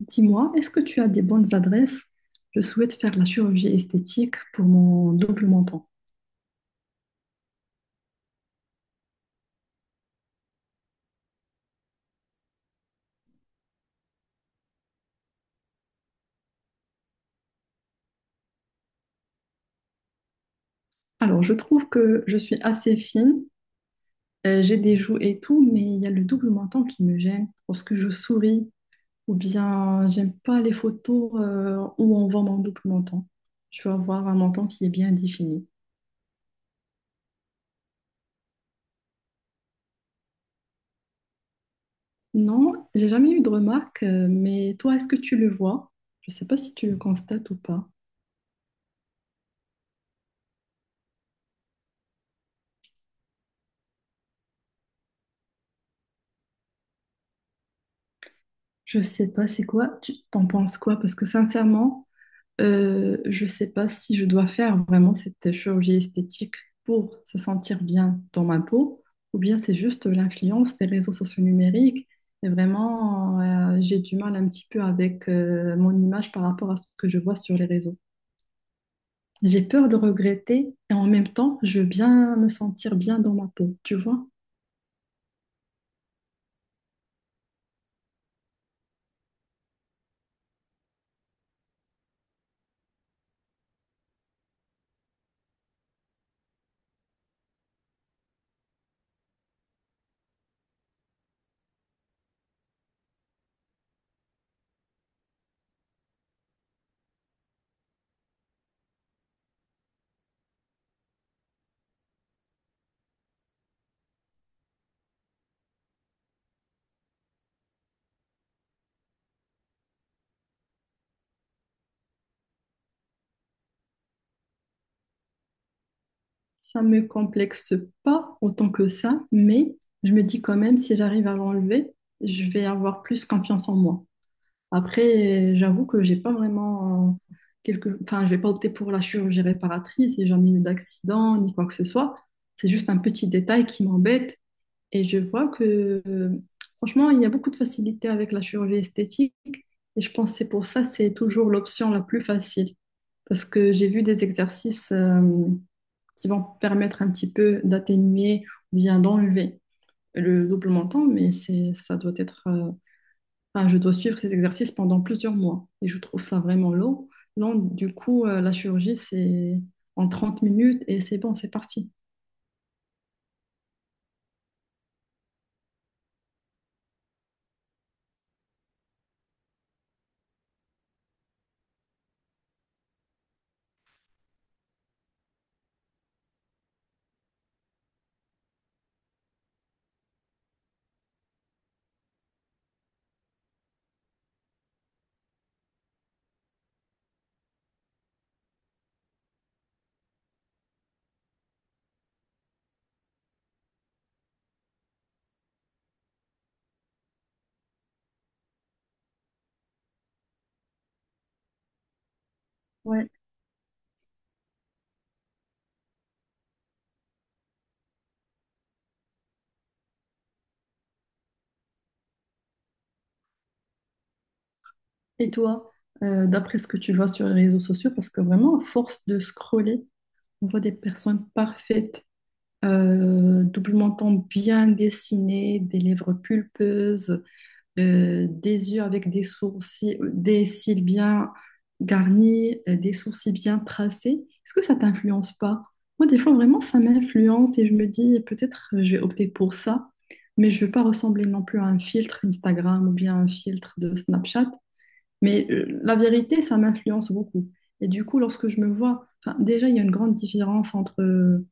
Dis-moi, est-ce que tu as des bonnes adresses? Je souhaite faire la chirurgie esthétique pour mon double menton. Alors, je trouve que je suis assez fine, j'ai des joues et tout, mais il y a le double menton qui me gêne lorsque je souris, ou bien j'aime pas les photos où on voit mon double menton. Je veux avoir un menton qui est bien défini. Non, j'ai jamais eu de remarque. Mais toi, est-ce que tu le vois? Je sais pas si tu le constates ou pas. Je sais pas, c'est quoi? Tu t'en penses quoi? Parce que sincèrement, je ne sais pas si je dois faire vraiment cette chirurgie esthétique pour se sentir bien dans ma peau, ou bien c'est juste l'influence des réseaux sociaux numériques. Et vraiment, j'ai du mal un petit peu avec mon image par rapport à ce que je vois sur les réseaux. J'ai peur de regretter et en même temps, je veux bien me sentir bien dans ma peau, tu vois. Ça me complexe pas autant que ça, mais je me dis quand même, si j'arrive à l'enlever, je vais avoir plus confiance en moi. Après, j'avoue que j'ai pas vraiment Enfin, je vais pas opter pour la chirurgie réparatrice, j'ai jamais eu d'accident ni quoi que ce soit. C'est juste un petit détail qui m'embête et je vois que, franchement, il y a beaucoup de facilité avec la chirurgie esthétique, et je pense que c'est pour ça, c'est toujours l'option la plus facile parce que j'ai vu des exercices qui vont permettre un petit peu d'atténuer ou bien d'enlever le double menton, mais ça doit être... Enfin, je dois suivre ces exercices pendant plusieurs mois et je trouve ça vraiment long. Long, du coup, la chirurgie, c'est en 30 minutes et c'est bon, c'est parti. Ouais. Et toi, d'après ce que tu vois sur les réseaux sociaux, parce que vraiment, à force de scroller, on voit des personnes parfaites, doublement bien dessinées, des lèvres pulpeuses, des yeux avec des sourcils, des cils bien garnis, des sourcils bien tracés, est-ce que ça t'influence pas? Moi, des fois, vraiment, ça m'influence et je me dis, peut-être je vais opter pour ça, mais je veux pas ressembler non plus à un filtre Instagram ou bien un filtre de Snapchat. Mais la vérité, ça m'influence beaucoup. Et du coup, lorsque je me vois, enfin, déjà, il y a une grande différence entre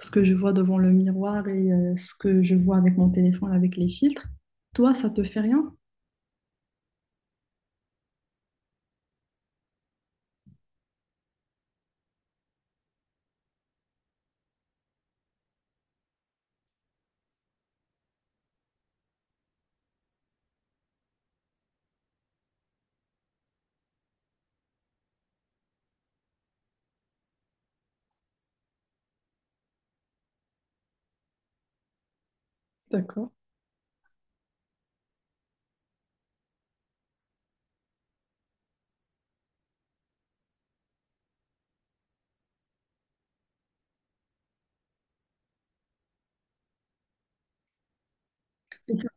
ce que je vois devant le miroir et ce que je vois avec mon téléphone, avec les filtres. Toi, ça te fait rien? D'accord. Et Ça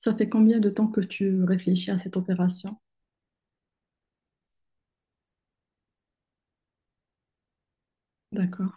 ça fait combien de temps que tu réfléchis à cette opération? D'accord.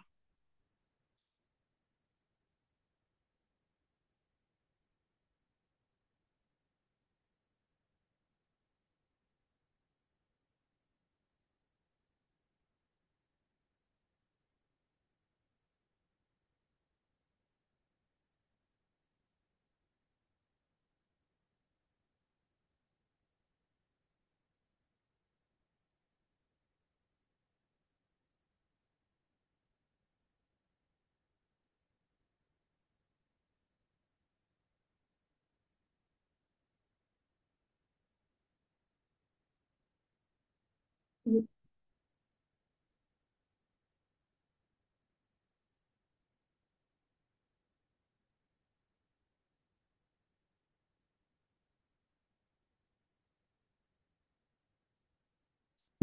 Oui.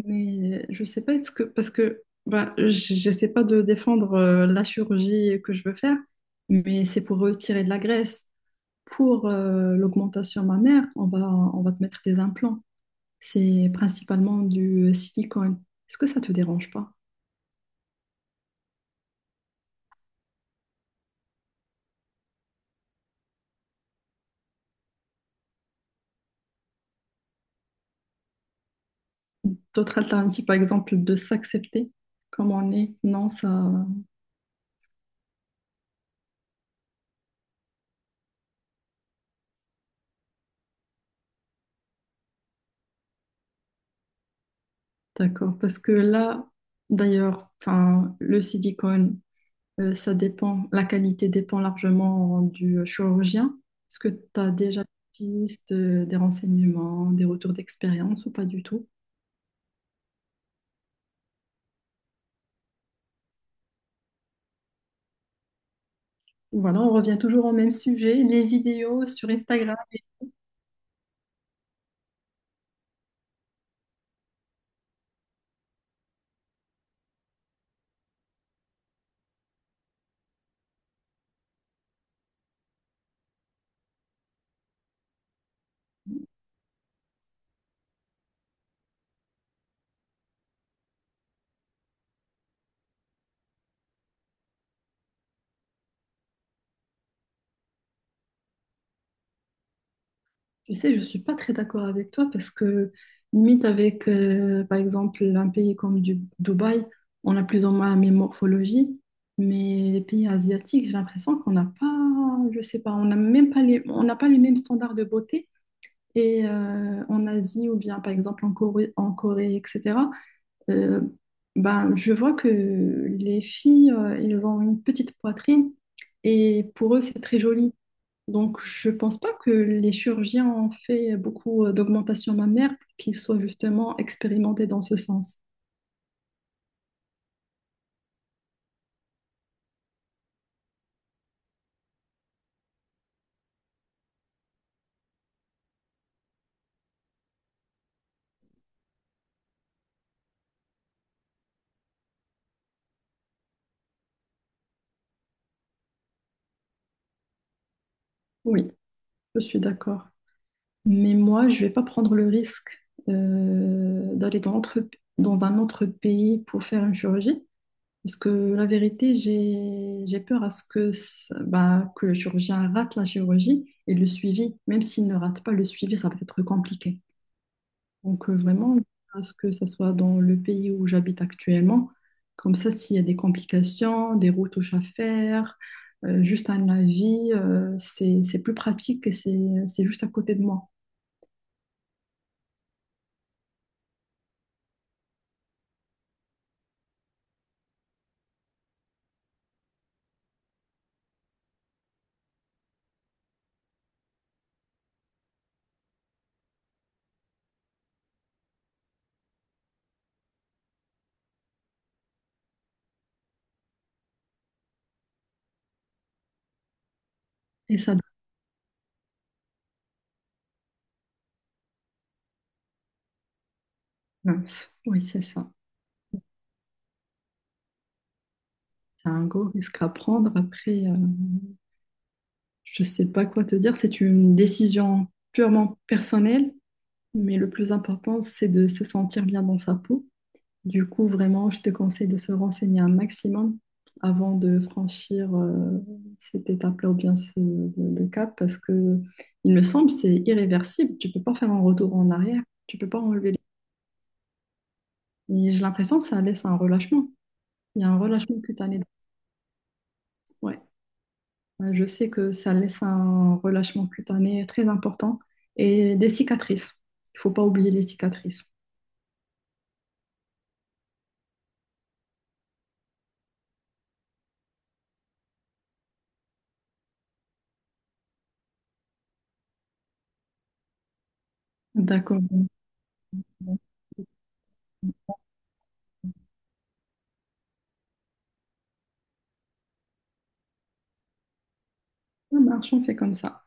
Mais je sais pas, est-ce que, parce que ben, j'essaie pas de défendre la chirurgie que je veux faire, mais c'est pour retirer de la graisse. Pour l'augmentation mammaire, on va te mettre des implants. C'est principalement du silicone. Est-ce que ça te dérange pas? D'autres alternatives, par exemple, de s'accepter comme on est, non, ça, d'accord, parce que là, d'ailleurs, enfin, le silicone, ça dépend, la qualité dépend largement du chirurgien. Est-ce que tu as déjà des pistes, des renseignements, des retours d'expérience ou pas du tout? Voilà, on revient toujours au même sujet, les vidéos sur Instagram. Tu sais, je suis pas très d'accord avec toi parce que limite avec, par exemple, un pays comme Dubaï, on a plus ou moins la même morphologie, mais les pays asiatiques, j'ai l'impression qu'on n'a pas, je sais pas, on n'a même pas on n'a pas les mêmes standards de beauté. Et en Asie ou bien par exemple en Corée, etc. Euh, ben, je vois que les filles, elles ont une petite poitrine et pour eux, c'est très joli. Donc, je pense pas que les chirurgiens ont fait beaucoup d'augmentation mammaire pour qu'ils soient justement expérimentés dans ce sens. Oui, je suis d'accord. Mais moi, je vais pas prendre le risque d'aller dans un autre pays pour faire une chirurgie. Parce que la vérité, j'ai peur à ce que, bah, que le chirurgien rate la chirurgie et le suivi, même s'il ne rate pas le suivi, ça va être compliqué. Donc vraiment, à ce que ça soit dans le pays où j'habite actuellement, comme ça, s'il y a des complications, des retouches à faire, juste un avis, c'est plus pratique et c'est juste à côté de moi. Et ça, mince. Oui, c'est ça. C'est un gros risque à prendre. Après, je sais pas quoi te dire, c'est une décision purement personnelle, mais le plus important, c'est de se sentir bien dans sa peau. Du coup, vraiment, je te conseille de se renseigner un maximum avant de franchir cette étape-là ou bien le cap, parce que il me semble c'est irréversible. Tu peux pas faire un retour en arrière, tu peux pas enlever. Les- Mais j'ai l'impression que ça laisse un relâchement. Il y a un relâchement cutané. Ouais. Je sais que ça laisse un relâchement cutané très important et des cicatrices. Il faut pas oublier les cicatrices. D'accord. Ça marche, on fait comme ça.